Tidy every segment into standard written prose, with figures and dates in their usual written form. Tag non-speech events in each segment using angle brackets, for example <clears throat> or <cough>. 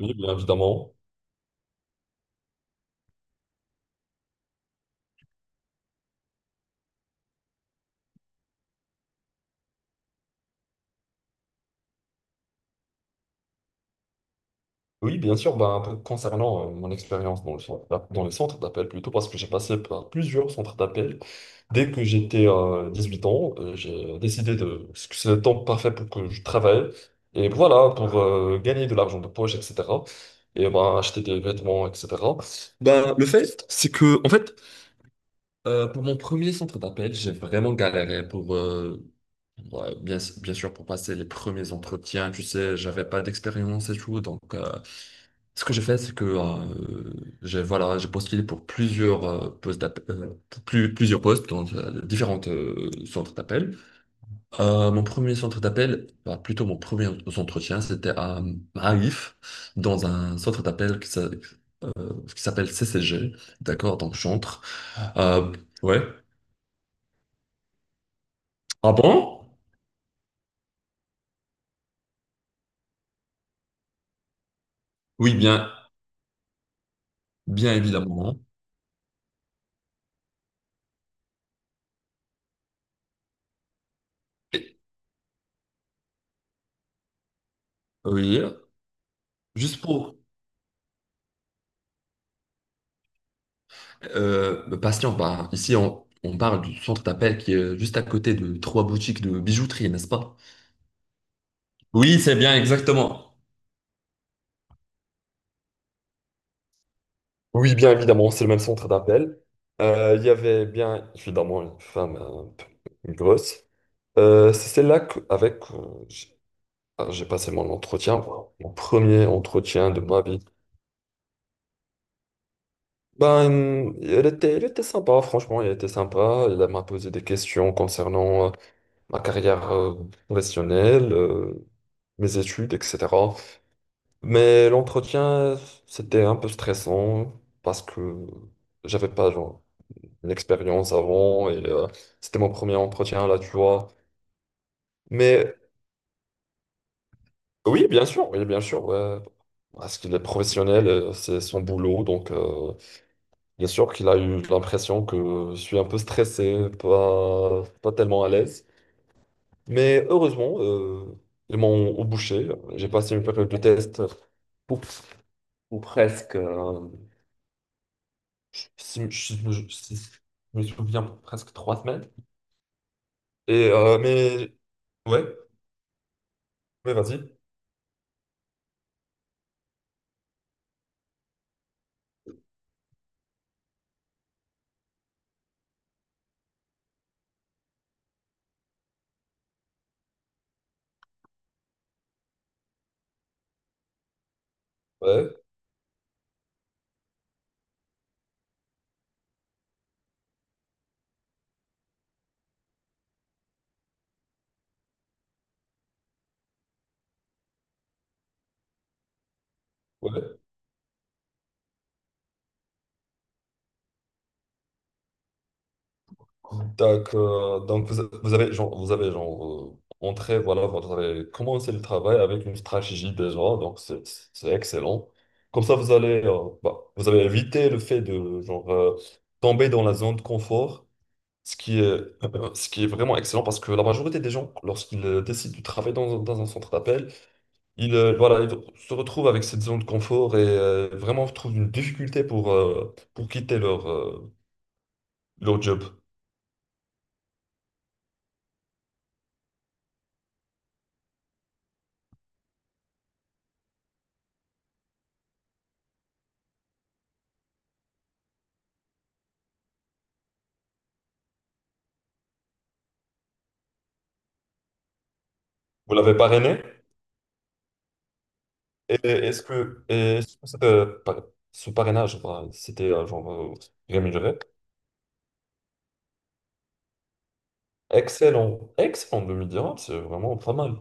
Oui, bien évidemment. Oui, bien sûr, ben, concernant mon expérience dans le dans les centres d'appel plutôt, parce que j'ai passé par plusieurs centres d'appel. Dès que j'étais 8 ans, j'ai décidé de parce que c'est le temps parfait pour que je travaille. Et voilà, pour gagner de l'argent de poche, etc. Et ben, acheter des vêtements, etc. Ben, le fait, c'est que, en fait, pour mon premier centre d'appel, j'ai vraiment galéré pour, ouais, bien sûr, pour passer les premiers entretiens. Tu sais, j'avais pas d'expérience et tout. Donc, ce que j'ai fait, c'est que j'ai voilà, j'ai postulé pour plusieurs postes d'appel, plusieurs postes dans différents centres d'appel. Mon premier centre d'appel, bah, plutôt mon premier entretien, c'était à Marif, dans un centre d'appel qui s'appelle CCG, d'accord, dans le centre. Euh, ouais. Ah bon? Oui, bien, bien évidemment. Et- Oui, juste pour me patienter, bah, ici on parle du centre d'appel qui est juste à côté de trois boutiques de bijouterie, n'est-ce pas? Oui, c'est bien, exactement. Oui, bien évidemment, c'est le même centre d'appel. Il y avait bien évidemment une femme un peu grosse. C'est avec j'ai passé mon entretien, mon premier entretien de ma vie. Ben, elle était sympa, franchement, elle était sympa. Elle m'a posé des questions concernant ma carrière professionnelle, mes études, etc. Mais l'entretien, c'était un peu stressant parce que j'avais pas genre, une expérience avant et c'était mon premier entretien là, tu vois. Mais oui, bien sûr, oui, bien sûr, ouais. Parce qu'il est professionnel, c'est son boulot, donc, bien sûr qu'il a eu l'impression que je suis un peu stressé, pas tellement à l'aise. Mais heureusement, ils m'ont au boucher. J'ai passé une période de test pour, ou presque, je, si- je- je- si- je me souviens, presque 3 semaines. Mais ouais, mais vas-y. Ouais, ouais. Donc vous avez genre entré, voilà, vous avez commencé le travail avec une stratégie déjà, donc c'est excellent. Comme ça, vous allez, bah, vous avez évité le fait de genre tomber dans la zone de confort, ce qui est, <clears throat> <laughs> ce qui est vraiment excellent parce que la majorité des gens, lorsqu'ils décident de travailler dans, dans un centre d'appel, ils, voilà, ils se retrouvent avec cette zone de confort et vraiment trouvent une difficulté pour quitter leur, leur job. Vous l'avez parrainé? Et est-ce que, et est-ce que c'était ce parrainage, enfin, c'était genre rémunéré? Excellent, excellent 2010, c'est vraiment pas mal.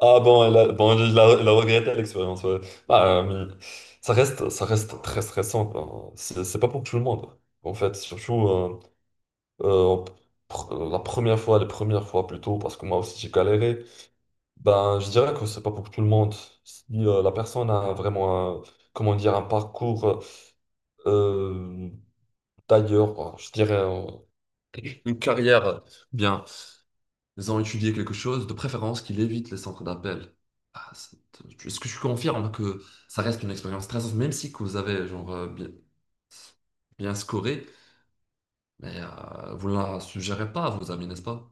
Ah bon, elle a, bon, il a regretté l'expérience, ouais. Bah, mais ça reste très stressant, quoi. C'est pas pour tout le monde. En fait, surtout euh, la première fois, les premières fois plutôt, parce que moi aussi j'ai galéré. Ben, je dirais que c'est pas pour tout le monde. Si la personne a vraiment, comment dire, un parcours, euh, d'ailleurs, je dirais une carrière, bien, ils ont étudié quelque chose, de préférence qu'il évite les centres d'appel. Ah, c'est- Est-ce que je confirme que ça reste une expérience stressante, même si que vous avez genre bien scoré, mais vous ne la suggérez pas à vos amis, n'est-ce pas?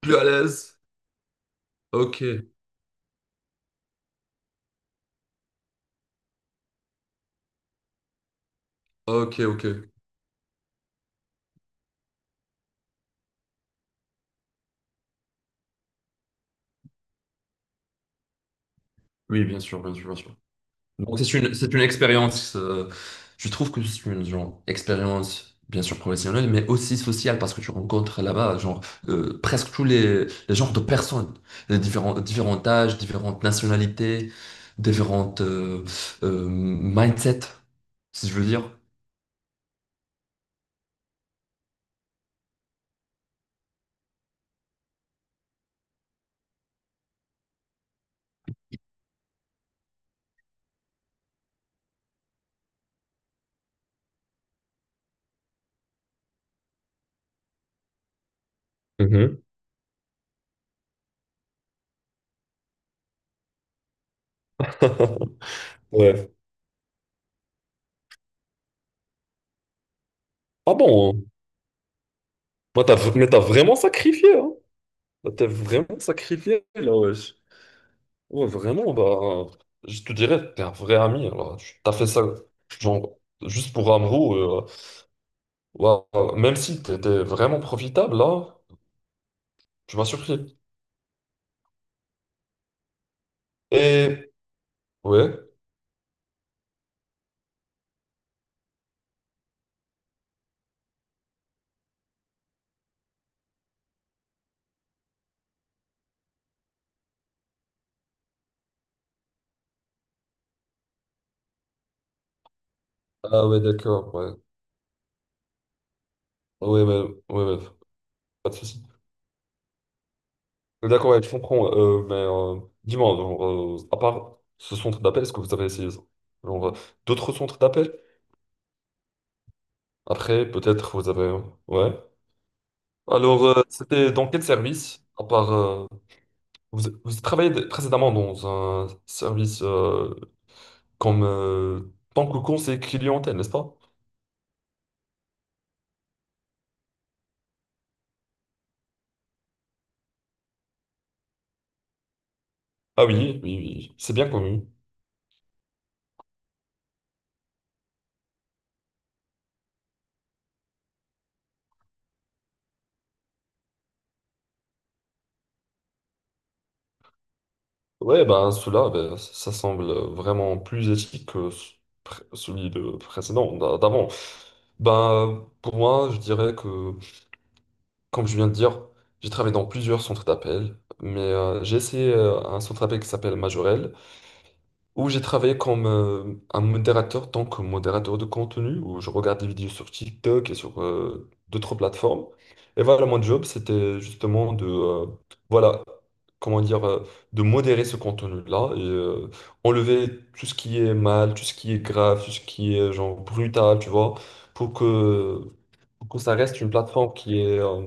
Plus à l'aise? Ok, ok. Oui, bien sûr, bien sûr, bien sûr. Donc c'est une expérience, je trouve que c'est une genre, expérience bien sûr professionnelle, mais aussi sociale parce que tu rencontres là-bas genre presque tous les genres de personnes, les différents, différents âges, différentes nationalités, différentes mindsets, si je veux dire. Mhm. <laughs> Ouais. Ah bon? Moi, mais t'as vraiment sacrifié, hein? T'as vraiment sacrifié, là, ouais. Ouais, vraiment, bah, je te dirais, t'es un vrai ami, alors, tu t'as fait ça, genre, juste pour Amrou, waouh, même si t'étais vraiment profitable, là, tu m'as surpris. Et, ouais. Ah ouais, d'accord, ouais. Ouais, ouais, ouais, ouais, pas de souci. D'accord, ouais, je comprends. Mais dis-moi, genre, à part ce centre d'appel, est-ce que vous avez essayé ça genre, d'autres centres d'appel? Après, peut-être vous avez Ouais. Alors, c'était dans quel service, à vous, vous travaillez précédemment dans un service comme tant que conseiller clientèle, n'est-ce pas? Ah oui, oui, oui, c'est bien connu. Ouais, ben cela, ben, ça semble vraiment plus éthique que celui de précédent, d'avant. Ben, pour moi, je dirais que, comme je viens de dire, j'ai travaillé dans plusieurs centres d'appel, mais j'ai essayé un centre d'appel qui s'appelle Majorel, où j'ai travaillé comme un modérateur, tant que modérateur de contenu, où je regarde des vidéos sur TikTok et sur d'autres plateformes. Et voilà, mon job, c'était justement de, voilà, comment dire, de modérer ce contenu-là et enlever tout ce qui est mal, tout ce qui est grave, tout ce qui est genre brutal, tu vois, pour que, pour que ça reste une plateforme qui est,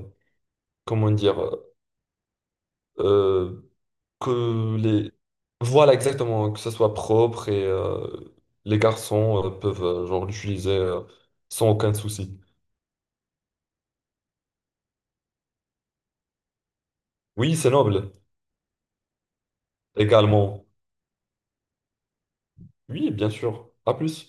comment dire, euh, que les Voilà, exactement, que ça soit propre et les garçons peuvent genre l'utiliser sans aucun souci. Oui, c'est noble, également. Oui, bien sûr. À plus.